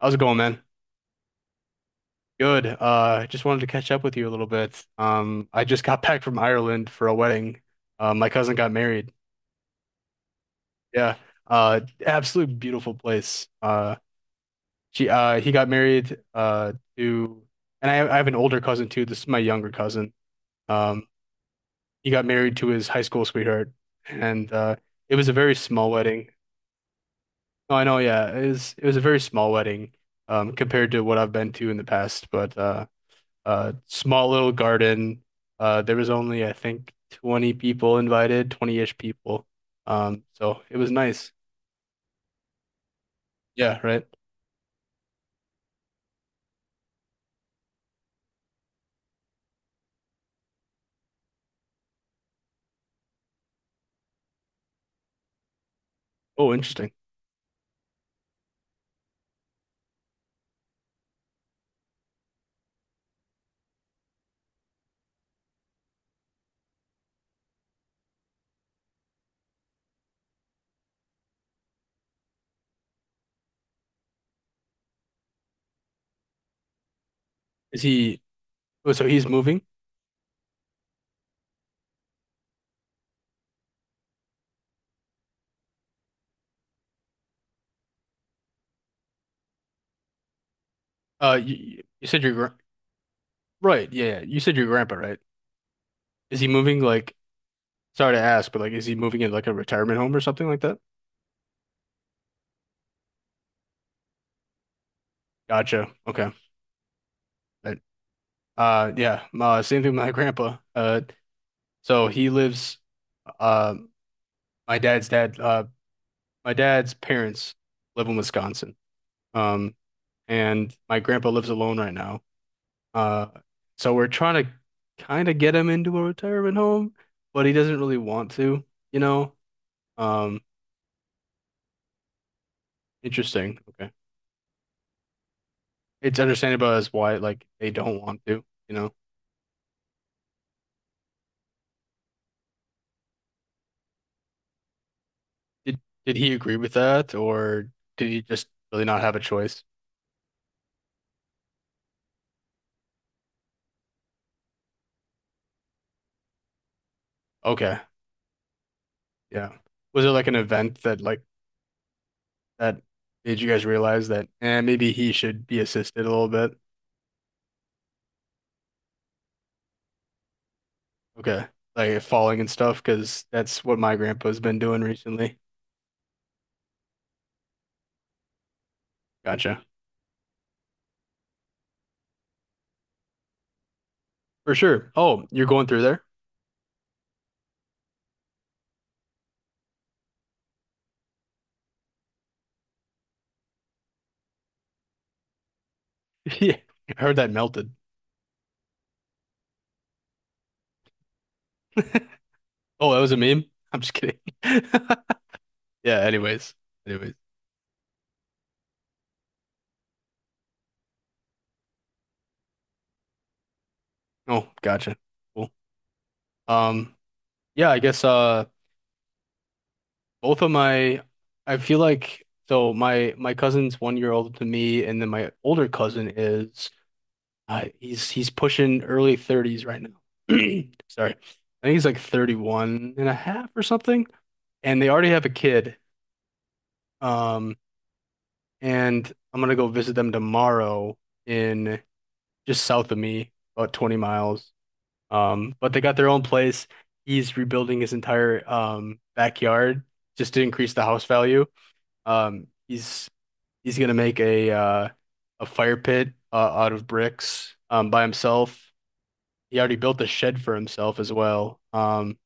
How's it going, man? Good. Just wanted to catch up with you a little bit. I just got back from Ireland for a wedding. My cousin got married. Yeah. Uh, Absolute beautiful place. She He got married to, and I have an older cousin too. This is my younger cousin. Um, he got married to his high school sweetheart, and it was a very small wedding. Oh, I know. Yeah, it was a very small wedding, compared to what I've been to in the past, but small little garden. There was only, I think, 20 people invited, 20-ish people. So it was nice. Yeah, right. Oh, interesting. Is he Oh, so he's moving? You, you said your gra- Right. Yeah, yeah. You said your grandpa, right? Is he moving like Sorry to ask, but like, is he moving in like a retirement home or something like that? Gotcha. Okay. Right. Yeah, same thing with my grandpa. So he lives uh my dad's dad uh my dad's parents live in Wisconsin. Um, and my grandpa lives alone right now. Uh, so we're trying to kind of get him into a retirement home, but he doesn't really want to, you know? Um, Interesting. Okay. It's understandable as why like they don't want to, you know? Did did he agree with that, or did he just really not have a choice? Okay. Yeah. Was there like an event that that made you guys realize that, eh, maybe he should be assisted a little bit? Okay. Like falling and stuff, because that's what my grandpa's been doing recently. Gotcha. For sure. Oh, you're going through there? Yeah. I heard that melted. Oh, that was a meme? I'm just kidding. Yeah, anyways. Anyways. Oh, gotcha. Cool. Um, yeah, I guess both of my I feel like, so my cousin's 1 year older than me, and then my older cousin is he's pushing early 30s right now. Sorry. I think he's like 31 and a half or something, and they already have a kid. Um, and I'm gonna go visit them tomorrow in just south of me, about 20 miles. But they got their own place. He's rebuilding his entire backyard just to increase the house value. Um, he's he's gonna make a fire pit, out of bricks by himself. He already built a shed for himself as well.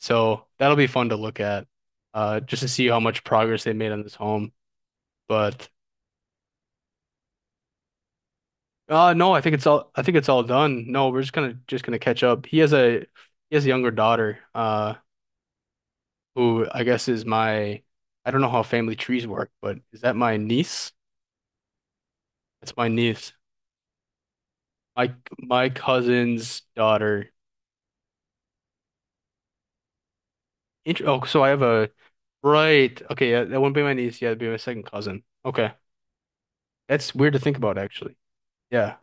So that'll be fun to look at, just to see how much progress they made on this home. But No, I think it's all done. No, we're just gonna catch up. He has a younger daughter, who I guess is my, I don't know how family trees work, but is that my niece? That's my niece. My my cousin's daughter. So I have a, right. Okay, yeah, that wouldn't be my niece. Yeah, it'd be my second cousin. Okay, that's weird to think about actually. Yeah.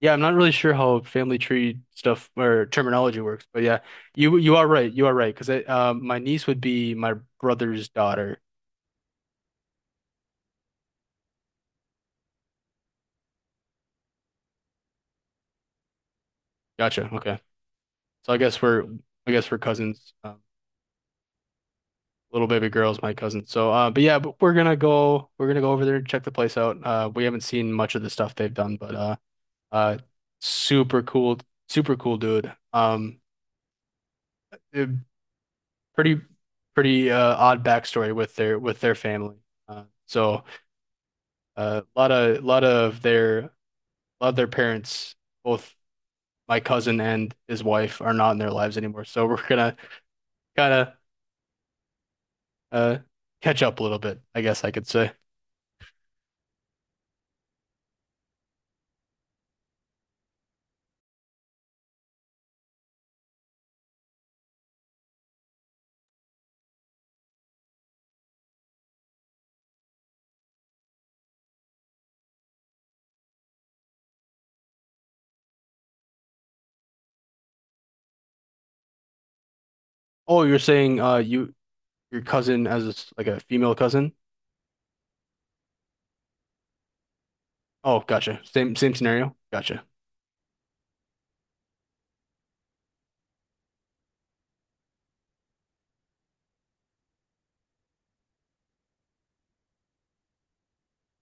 Yeah, I'm not really sure how family tree stuff or terminology works, but yeah, you are right. You are right because, my niece would be my brother's daughter. Gotcha. Okay, so I guess we're cousins. Little baby girl's my cousin. So, but yeah, but we're gonna go, over there and check the place out. We haven't seen much of the stuff they've done, but uh, super cool, super cool dude. Eh, Pretty odd backstory with their family. Uh, so. A lot of, lot of their a lot of their parents, both my cousin and his wife, are not in their lives anymore. So we're gonna kind of uh catch up a little bit, I guess I could say. Oh, you're saying your cousin as a s like a female cousin? Oh, gotcha. Same same scenario. Gotcha.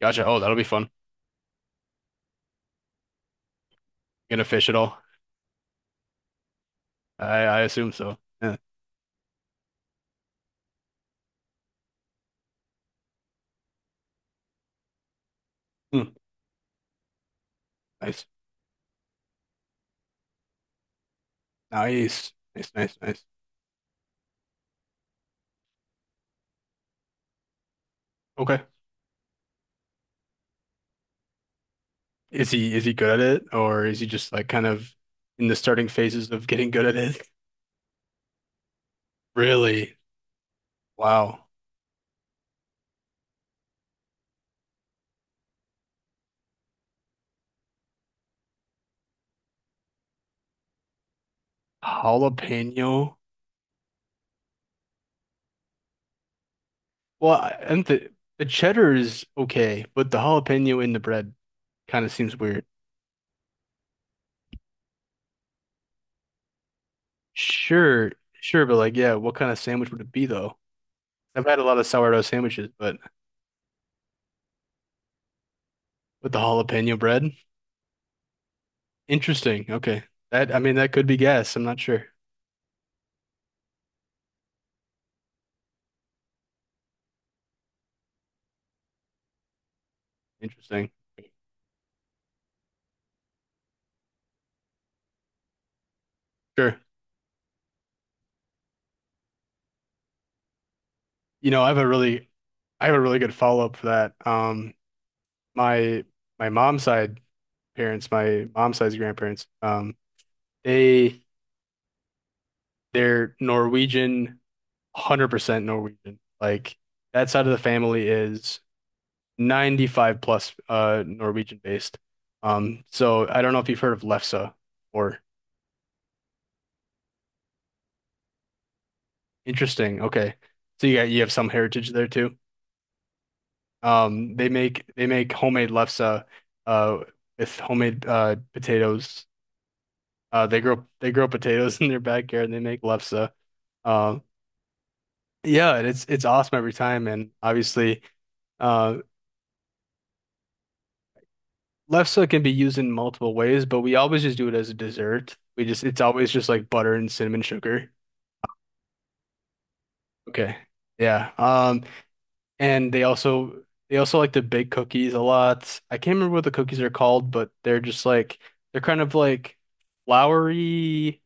Gotcha. Oh, that'll be fun. Gonna fish at all? I assume so. Yeah. Hmm. Nice. Nice. Nice. Nice. Nice. Okay. Is he good at it, or is he just like kind of in the starting phases of getting good at it? Really? Wow. Jalapeno. Well, I- and The cheddar is okay, but the jalapeno in the bread kind of seems weird. Sure, sure, but like, yeah, what kind of sandwich would it be though? I've had a lot of sourdough sandwiches, but with the jalapeno bread, interesting. Okay, that, I mean, that could be gas. I'm not sure. Interesting. Sure. I have a really, good follow-up for that. My mom's side parents, my mom's side's grandparents, they. They're Norwegian, 100% Norwegian. Like that side of the family is 95 plus Norwegian based. So I don't know if you've heard of Lefse or, interesting. Okay. You have some heritage there too. They make homemade lefse uh with homemade potatoes. They grow potatoes in their backyard and they make lefse. Uh, yeah, and it's awesome every time, and obviously, um lefse can be used in multiple ways, but we always just do it as a dessert. We just It's always just like butter and cinnamon sugar. Okay. Yeah. And they also, like to bake cookies a lot. I can't remember what the cookies are called, but they're just like, they're kind of like floury,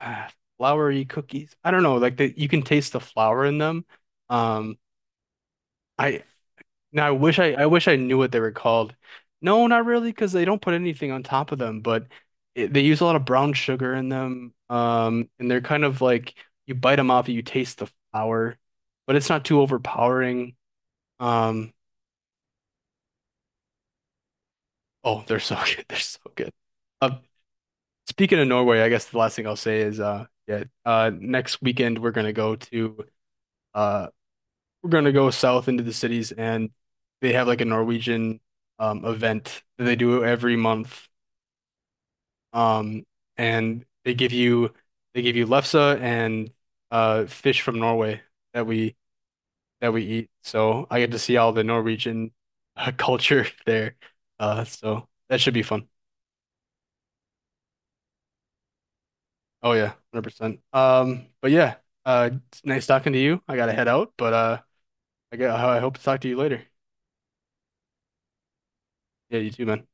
ah, floury cookies. I don't know, like, you can taste the flour in them. Um, I I wish I wish I knew what they were called. No, not really, because they don't put anything on top of them, but it, they use a lot of brown sugar in them. And they're kind of like, you bite them off, you taste the flour, but it's not too overpowering. Um, oh, they're so good. They're so good. Uh, Speaking of Norway, I guess the last thing I'll say is yeah, next weekend we're gonna go to uh we're gonna go south into the cities, and they have like a Norwegian event that they do every month. Um, and they give you lefse and fish from Norway that we eat. So I get to see all the Norwegian, culture there. So that should be fun. Oh yeah, 100%. But yeah, it's nice talking to you. I gotta head out, but I hope to talk to you later. Yeah, you too, man.